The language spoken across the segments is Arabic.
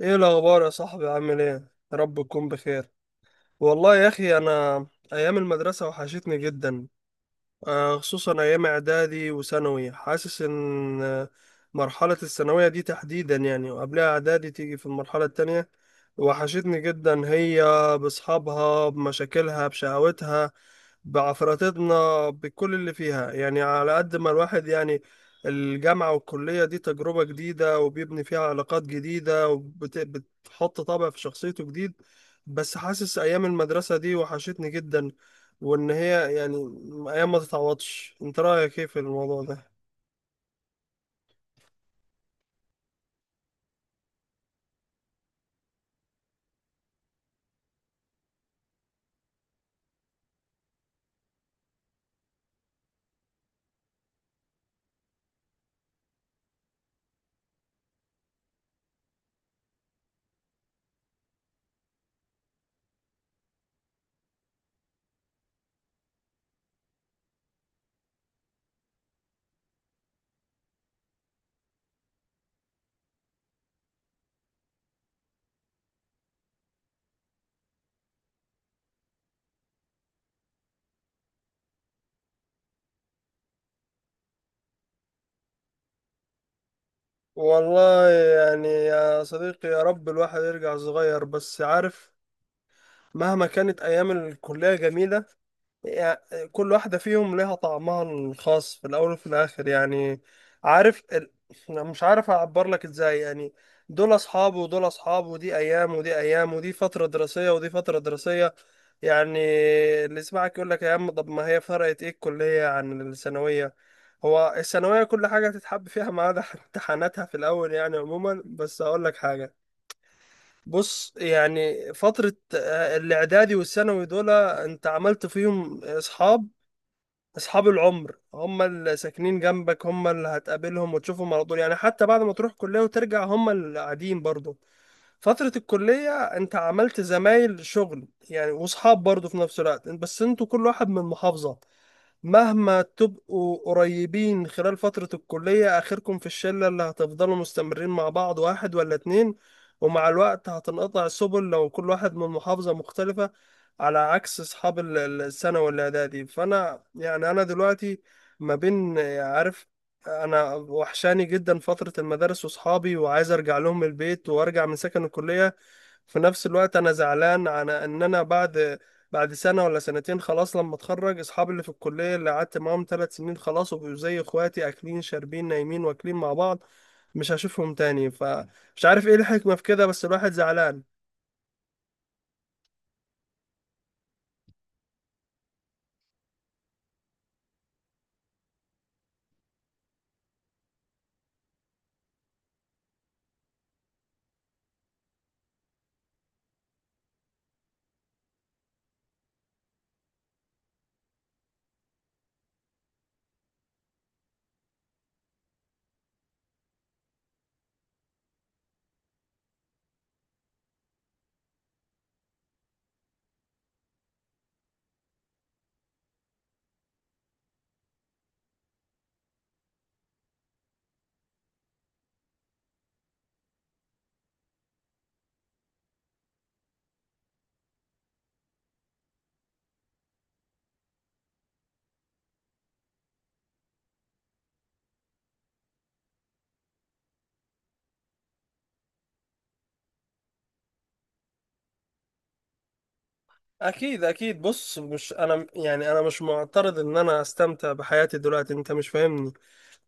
ايه الاخبار يا صاحبي؟ عامل ايه؟ يا رب تكون بخير. والله يا اخي، انا ايام المدرسه وحشتني جدا. خصوصا أيام إعدادي وثانوي، حاسس إن مرحلة الثانوية دي تحديدا، يعني وقبلها إعدادي تيجي في المرحلة التانية. وحشتني جدا هي، بأصحابها بمشاكلها بشقاوتها بعفراتنا بكل اللي فيها، يعني على قد ما الواحد يعني الجامعة والكلية دي تجربة جديدة وبيبني فيها علاقات جديدة وبتحط طابع في شخصيته جديد. بس حاسس أيام المدرسة دي وحشتني جدا، وان هي يعني ايام ما تتعوضش. انت رايك ايه في الموضوع ده؟ والله يعني يا صديقي، يا رب الواحد يرجع صغير، بس عارف، مهما كانت ايام الكليه جميله يعني، كل واحده فيهم ليها طعمها الخاص في الاول وفي الاخر. يعني عارف أنا مش عارف اعبر لك ازاي. يعني دول اصحاب ودول اصحاب ودي ايام ودي ايام ودي فتره دراسيه ودي فتره دراسيه. يعني اللي يسمعك يقول لك: يا عم، طب ما هي فرقت ايه الكليه عن الثانويه؟ هو الثانوية كل حاجة تتحب فيها ما عدا امتحاناتها في الأول، يعني عموما. بس هقول لك حاجة، بص يعني فترة الإعدادي والثانوي، دول أنت عملت فيهم أصحاب. أصحاب العمر هم اللي ساكنين جنبك، هم اللي هتقابلهم وتشوفهم على طول، يعني حتى بعد ما تروح كلية وترجع هم اللي قاعدين برضه. فترة الكلية أنت عملت زمايل شغل يعني، وأصحاب برضه في نفس الوقت، بس أنتوا كل واحد من محافظة. مهما تبقوا قريبين خلال فترة الكلية، آخركم في الشلة اللي هتفضلوا مستمرين مع بعض واحد ولا اتنين. ومع الوقت هتنقطع السبل لو كل واحد من محافظة مختلفة، على عكس أصحاب الثانوي والإعدادي. فأنا يعني أنا دلوقتي ما بين، عارف، أنا وحشاني جدا فترة المدارس وأصحابي، وعايز أرجع لهم البيت وأرجع من سكن الكلية. في نفس الوقت انا زعلان على ان انا بعد سنه ولا سنتين خلاص لما اتخرج، اصحابي اللي في الكليه اللي قعدت معاهم 3 سنين خلاص وبقوا زي اخواتي، اكلين شاربين نايمين واكلين مع بعض، مش هشوفهم تاني. فمش عارف ايه الحكمه في كده، بس الواحد زعلان. اكيد اكيد. بص، مش انا يعني، انا مش معترض ان انا استمتع بحياتي دلوقتي، انت مش فاهمني.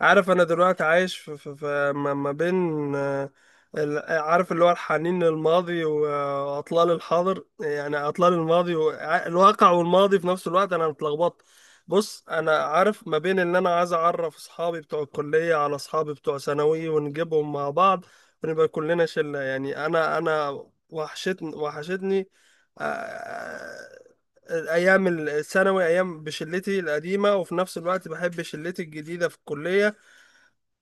عارف، انا دلوقتي عايش في ما بين آه، عارف، اللي هو الحنين للماضي واطلال الحاضر، يعني اطلال الماضي والواقع والماضي في نفس الوقت. انا متلخبط. بص انا عارف، ما بين ان انا عايز اعرف اصحابي بتوع الكلية على اصحابي بتوع ثانوي ونجيبهم مع بعض ونبقى كلنا شلة. يعني انا وحشتني وحشتني آه، الايام الثانوي، ايام بشلتي القديمه، وفي نفس الوقت بحب شلتي الجديده في الكليه.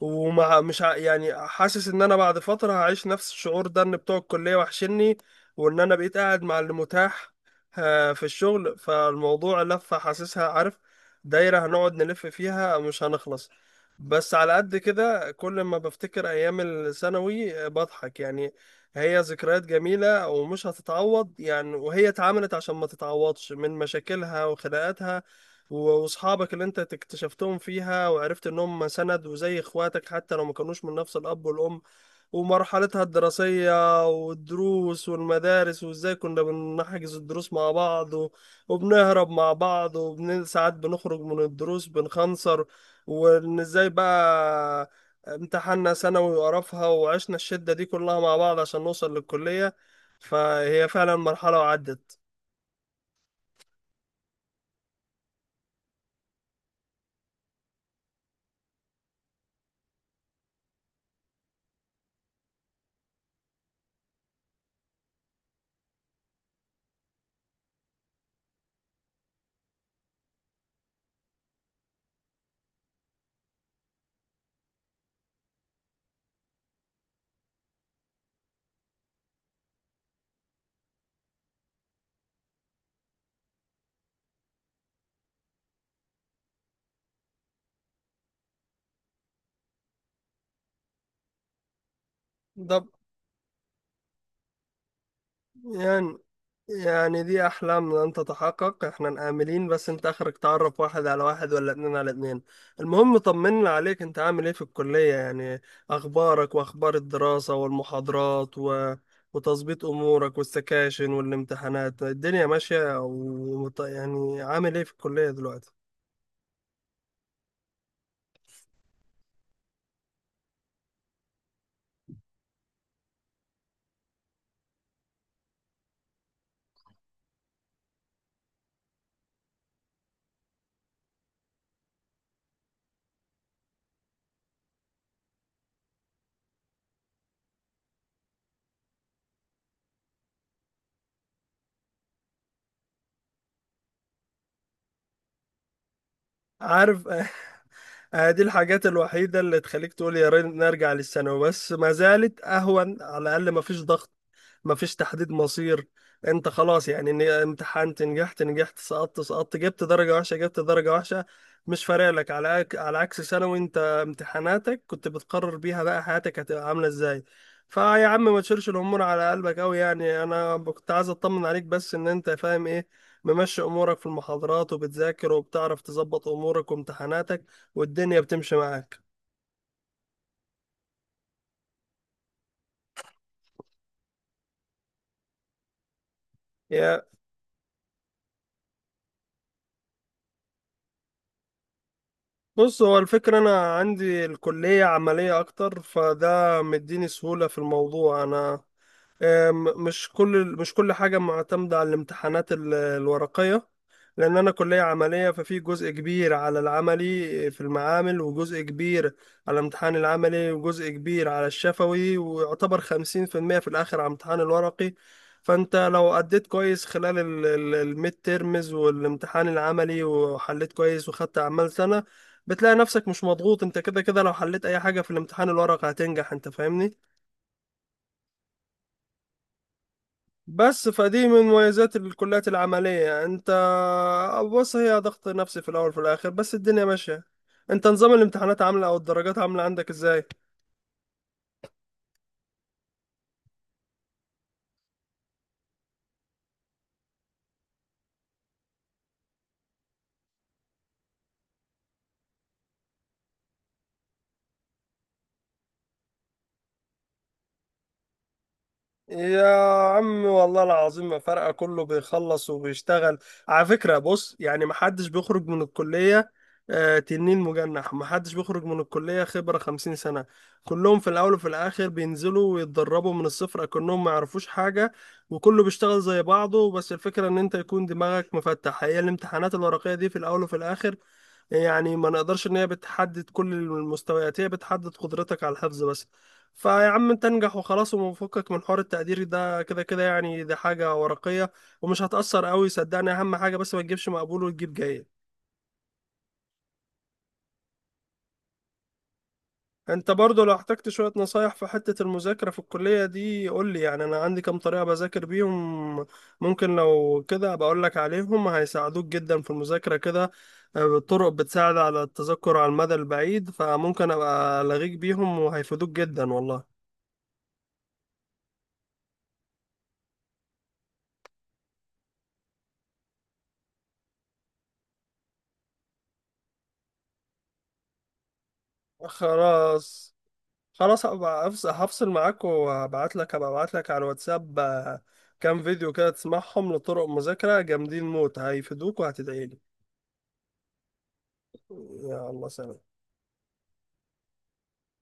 ومع مش ع... يعني حاسس ان انا بعد فترة هعيش نفس الشعور ده، ان بتوع الكلية وحشني، وان انا بقيت قاعد مع اللي متاح في الشغل. فالموضوع لفة حاسسها، عارف، دايرة هنقعد نلف فيها مش هنخلص. بس على قد كده، كل ما بفتكر ايام الثانوي بضحك يعني. هي ذكريات جميلة ومش هتتعوض يعني، وهي اتعملت عشان ما تتعوضش، من مشاكلها وخناقاتها، واصحابك اللي انت اكتشفتهم فيها وعرفت ان هم سند وزي اخواتك حتى لو ما كانوش من نفس الاب والام، ومرحلتها الدراسيه والدروس والمدارس، وازاي كنا بنحجز الدروس مع بعض وبنهرب مع بعض، ساعات بنخرج من الدروس بنخنصر. وان ازاي بقى امتحاننا ثانوي وقرفها، وعشنا الشده دي كلها مع بعض عشان نوصل للكليه. فهي فعلا مرحله وعدت. ده يعني يعني دي أحلام لن تتحقق، احنا آملين، بس انت آخرك تعرف واحد على واحد ولا اتنين على اتنين. المهم طمنا عليك، انت عامل ايه في الكلية يعني؟ أخبارك وأخبار الدراسة والمحاضرات وتظبيط أمورك والسكاشن والامتحانات، الدنيا ماشية يعني عامل ايه في الكلية دلوقتي؟ عارف دي الحاجات الوحيدة اللي تخليك تقول يا ريت نرجع للثانوي، بس ما زالت أهون. على الأقل ما فيش ضغط، مفيش تحديد مصير. انت خلاص يعني ان امتحنت، نجحت نجحت، سقطت سقطت، جبت درجة وحشة جبت درجة وحشة، مش فارق لك. على على عكس ثانوي، انت امتحاناتك كنت بتقرر بيها بقى حياتك هتبقى عاملة ازاي. فيا عم، ما تشيلش الامور على قلبك قوي يعني. انا كنت عايز اطمن عليك، بس ان انت فاهم ايه، ممشي امورك في المحاضرات وبتذاكر وبتعرف تظبط امورك وامتحاناتك، والدنيا بتمشي معاك. يا بص، هو الفكرة أنا عندي الكلية عملية أكتر، فده مديني سهولة في الموضوع. أنا مش كل حاجة معتمدة على الامتحانات الورقية، لأن أنا كلية عملية. ففي جزء كبير على العملي في المعامل، وجزء كبير على الامتحان العملي، وجزء كبير على الشفوي، ويعتبر 50% في الآخر على الامتحان الورقي. فأنت لو أديت كويس خلال الميد تيرمز والامتحان العملي وحليت كويس وخدت أعمال سنة، بتلاقي نفسك مش مضغوط. أنت كده كده لو حليت أي حاجة في الامتحان الورقي هتنجح. أنت فاهمني؟ بس فدي من مميزات الكليات العملية. انت بص، هي ضغط نفسي في الاول وفي الاخر، بس الدنيا ماشية. انت نظام الامتحانات عاملة او الدرجات عاملة عندك ازاي؟ يا عم والله العظيم ما فارقة، كله بيخلص وبيشتغل. على فكرة بص يعني محدش بيخرج من الكلية تنين مجنح، محدش بيخرج من الكلية خبرة 50 سنة. كلهم في الأول وفي الآخر بينزلوا ويتدربوا من الصفر كأنهم ما يعرفوش حاجة، وكله بيشتغل زي بعضه. بس الفكرة إن أنت يكون دماغك مفتح. هي الامتحانات الورقية دي في الأول وفي الآخر، يعني ما نقدرش ان هي بتحدد كل المستويات، هي بتحدد قدرتك على الحفظ بس. فيا عم انت انجح وخلاص، وفكك من حوار التقدير ده. كده كده يعني دي حاجة ورقية، ومش هتأثر قوي، صدقني. اهم حاجة بس ما تجيبش مقبول وتجيب جيد. انت برضو لو احتجت شوية نصايح في حتة المذاكرة في الكلية دي قول لي. يعني انا عندي كام طريقة بذاكر بيهم، ممكن لو كده بقول لك عليهم هيساعدوك جدا في المذاكرة كده. طرق بتساعد على التذكر على المدى البعيد، فممكن ابقى الغيك بيهم وهيفيدوك جدا والله. خلاص خلاص، هبقى هفصل معاك، وهبعت لك هبقى ابعت لك على الواتساب كام فيديو كده تسمعهم لطرق مذاكرة جامدين موت، هيفيدوك وهتدعي لي. يلا سلام.